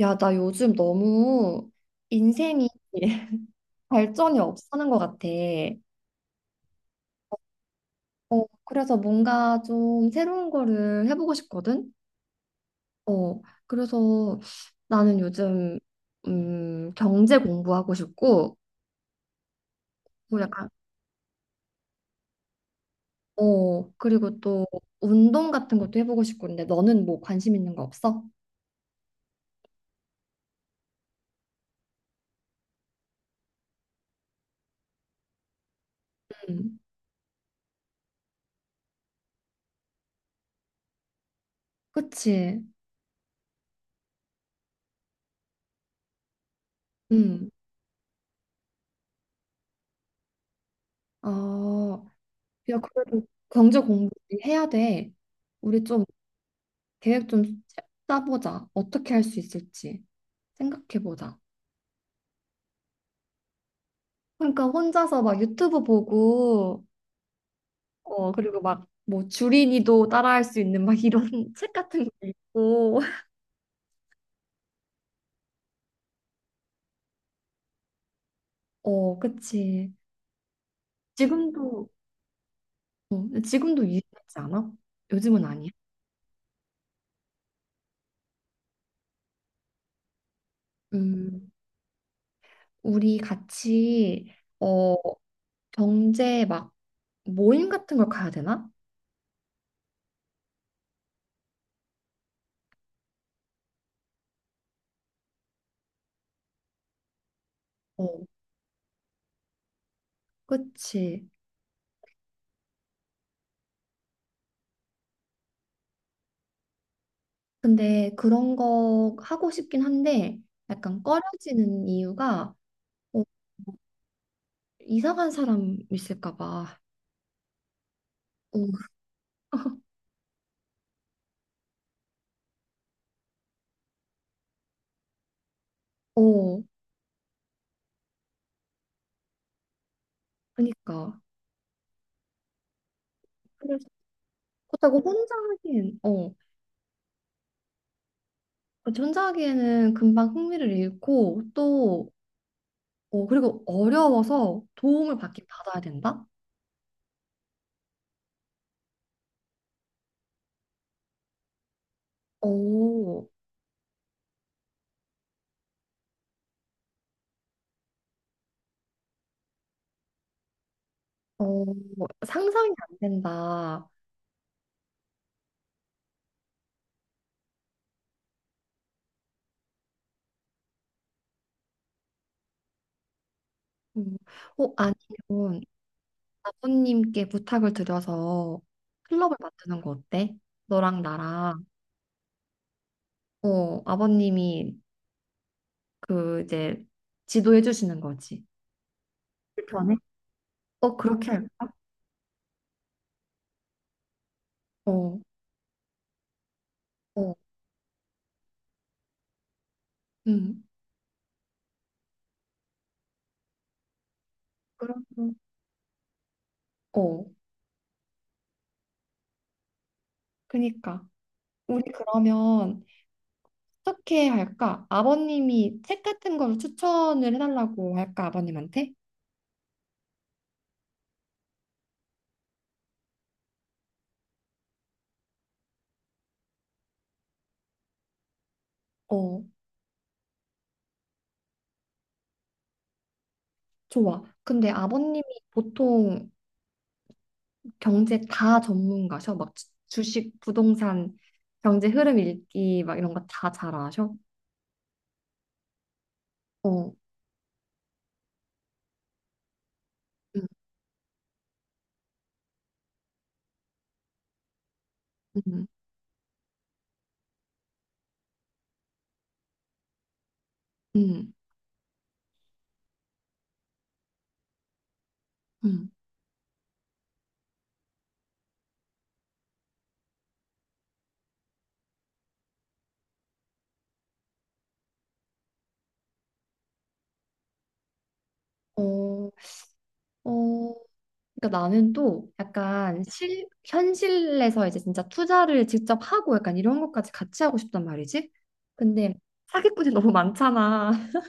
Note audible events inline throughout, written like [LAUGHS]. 야, 나 요즘 너무 인생이 [LAUGHS] 발전이 없어하는 것 같아. 그래서 뭔가 좀 새로운 거를 해보고 싶거든? 어, 그래서 나는 요즘, 경제 공부하고 싶고, 뭐 약간, 어, 그리고 또 운동 같은 것도 해보고 싶고, 근데 너는 뭐 관심 있는 거 없어? 음, 그치? 음, 어, 야, 그래도 경제 공부 해야 돼. 우리 좀 계획 좀 짜보자. 어떻게 할 수 있을지 생각해보자. 그러니까 혼자서 막 유튜브 보고, 어, 그리고 막 뭐 주린이도 따라할 수 있는 막 이런 [LAUGHS] 책 같은 거 읽고, [LAUGHS] 어, 그치. 지금도, 어, 지금도 유행하지 않아? 요즘은 아니야? 음, 우리 같이, 어, 경제 막 모임 같은 걸 가야 되나? 어, 그치. 근데 그런 거 하고 싶긴 한데 약간 꺼려지는 이유가 어, 이상한 사람 있을까 봐. 어, 어, 그니까. 그래서 그렇다고 혼자 하기엔, 어, 그렇지, 혼자 하기에는 금방 흥미를 잃고 또, 어, 그리고 어려워서 도움을 받긴 받아야 된다? 오, 어, 상상이 안 된다. 음, 어, 아니면 아버님께 부탁을 드려서 클럽을 만드는 거 어때? 너랑 나랑 어 아버님이 그 이제 지도해 주시는 거지. 불편해? 어 그렇게 할까? 어, 어, 음, 그럼 어, 그니까 우리 그러면 어떻게 할까? 아버님이 책 같은 걸 추천을 해달라고 할까? 아버님한테? 어, 좋아. 근데 아버님이 보통 경제 다 전문가셔? 막 주식, 부동산, 경제 흐름 읽기 막 이런 거 다 잘 아셔? 어, 음, 음, 음, 음. 어, 어, 그러니까 나는 또 약간 현실에서 이제 진짜 투자를 직접 하고 약간 이런 것까지 같이 하고 싶단 말이지? 근데 사기꾼이 너무 많잖아. [LAUGHS]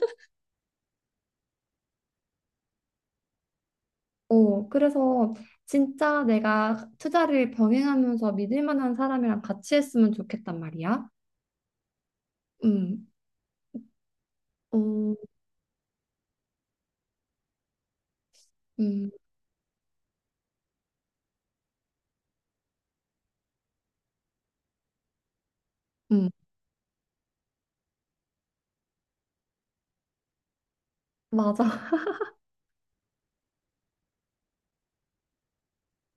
그래서 진짜 내가 투자를 병행하면서 믿을 만한 사람이랑 같이 했으면 좋겠단 말이야. 음, 어, 음, 음. 맞아.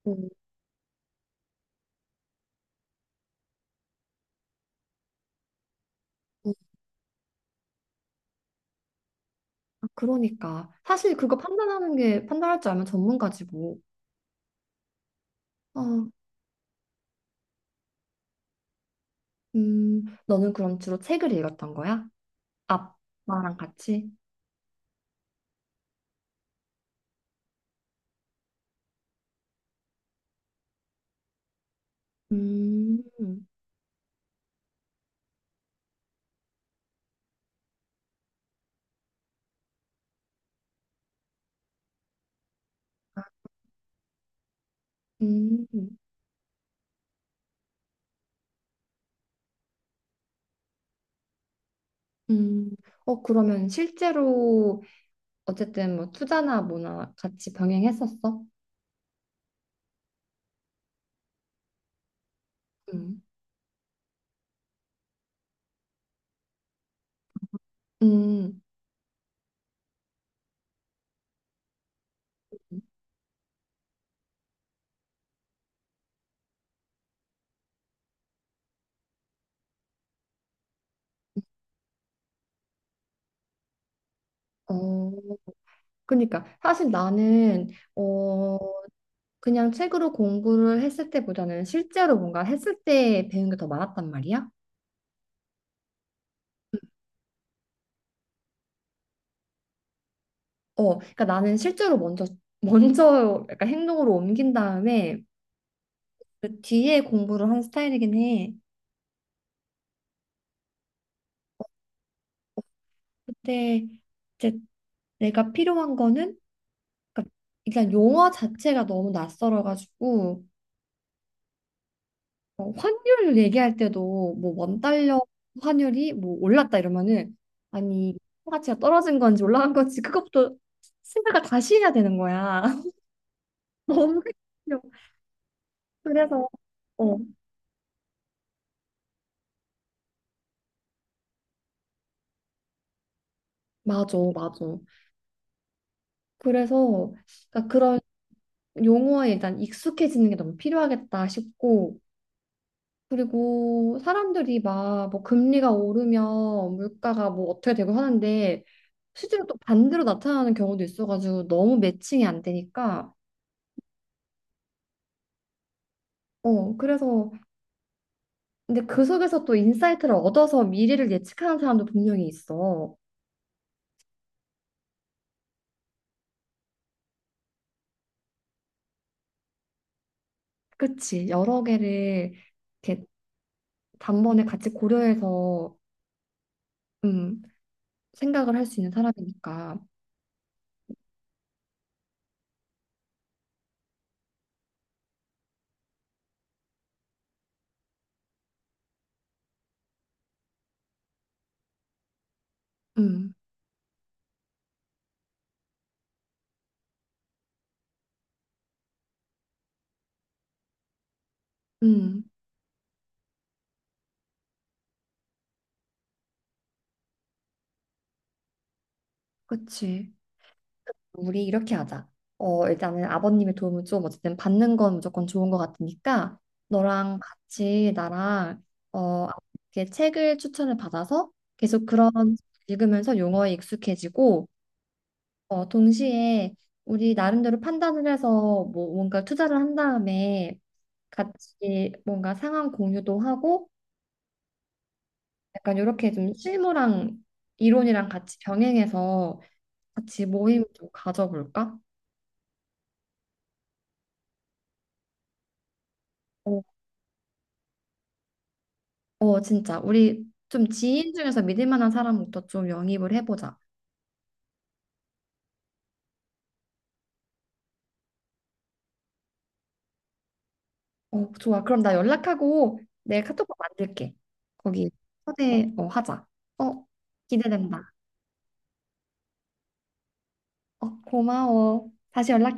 음, 음. 아, 그러니까. 사실 그거 판단하는 게, 판단할 줄 알면 전문가지 뭐. 어, 너는 그럼 주로 책을 읽었던 거야? 아빠랑 같이? 음, 음, 음. 어, 그러면 실제로 어쨌든 뭐 투자나 뭐나 같이 병행했었어? 음, 음. 음. 어, 그러니까 사실 나는 어 그냥 책으로 공부를 했을 때보다는 실제로 뭔가 했을 때 배운 게 더 많았단 말이야. 어, 그러니까 나는 실제로 먼저 [LAUGHS] 먼저 약간 행동으로 옮긴 다음에 그 뒤에 공부를 한 스타일이긴 해. 그때 이제 내가 필요한 거는 그러니까 일단 용어 자체가 너무 낯설어가지고 어, 환율 얘기할 때도 뭐 원 달러 환율이 뭐 올랐다 이러면은 아니 가치가 떨어진 건지 올라간 건지 그것부터 생각을 다시 해야 되는 거야. [LAUGHS] 너무 귀여워. 그래서 어 맞아 맞아. 그래서 그러니까 그런 용어에 일단 익숙해지는 게 너무 필요하겠다 싶고 그리고 사람들이 막 뭐 금리가 오르면 물가가 뭐 어떻게 되고 하는데 실제로 또 반대로 나타나는 경우도 있어가지고 너무 매칭이 안 되니까 어 그래서 근데 그 속에서 또 인사이트를 얻어서 미래를 예측하는 사람도 분명히 있어. 그치 여러 개를 이렇게 단번에 같이 고려해서 음, 생각을 할 수 있는 사람이니까. 음, 음, 그치. 우리 이렇게 하자. 어, 일단은 아버님의 도움을 좀 어쨌든 받는 건 무조건 좋은 것 같으니까 너랑 같이 나랑 어, 이렇게 책을 추천을 받아서 계속 그런 [LAUGHS] 읽으면서 용어에 익숙해지고 어, 동시에 우리 나름대로 판단을 해서 뭐 뭔가 투자를 한 다음에 같이 뭔가 상황 공유도 하고 약간 이렇게 좀 실무랑 이론이랑 같이 병행해서 같이 모임 좀 가져볼까? 어, 어, 진짜. 우리 좀 지인 중에서 믿을 만한 사람부터 좀 영입을 해보자. 어, 좋아. 그럼 나 연락하고 내 카톡방 만들게. 거기 초대, 어, 하자. 어, 기대된다. 어, 고마워. 다시 연락해.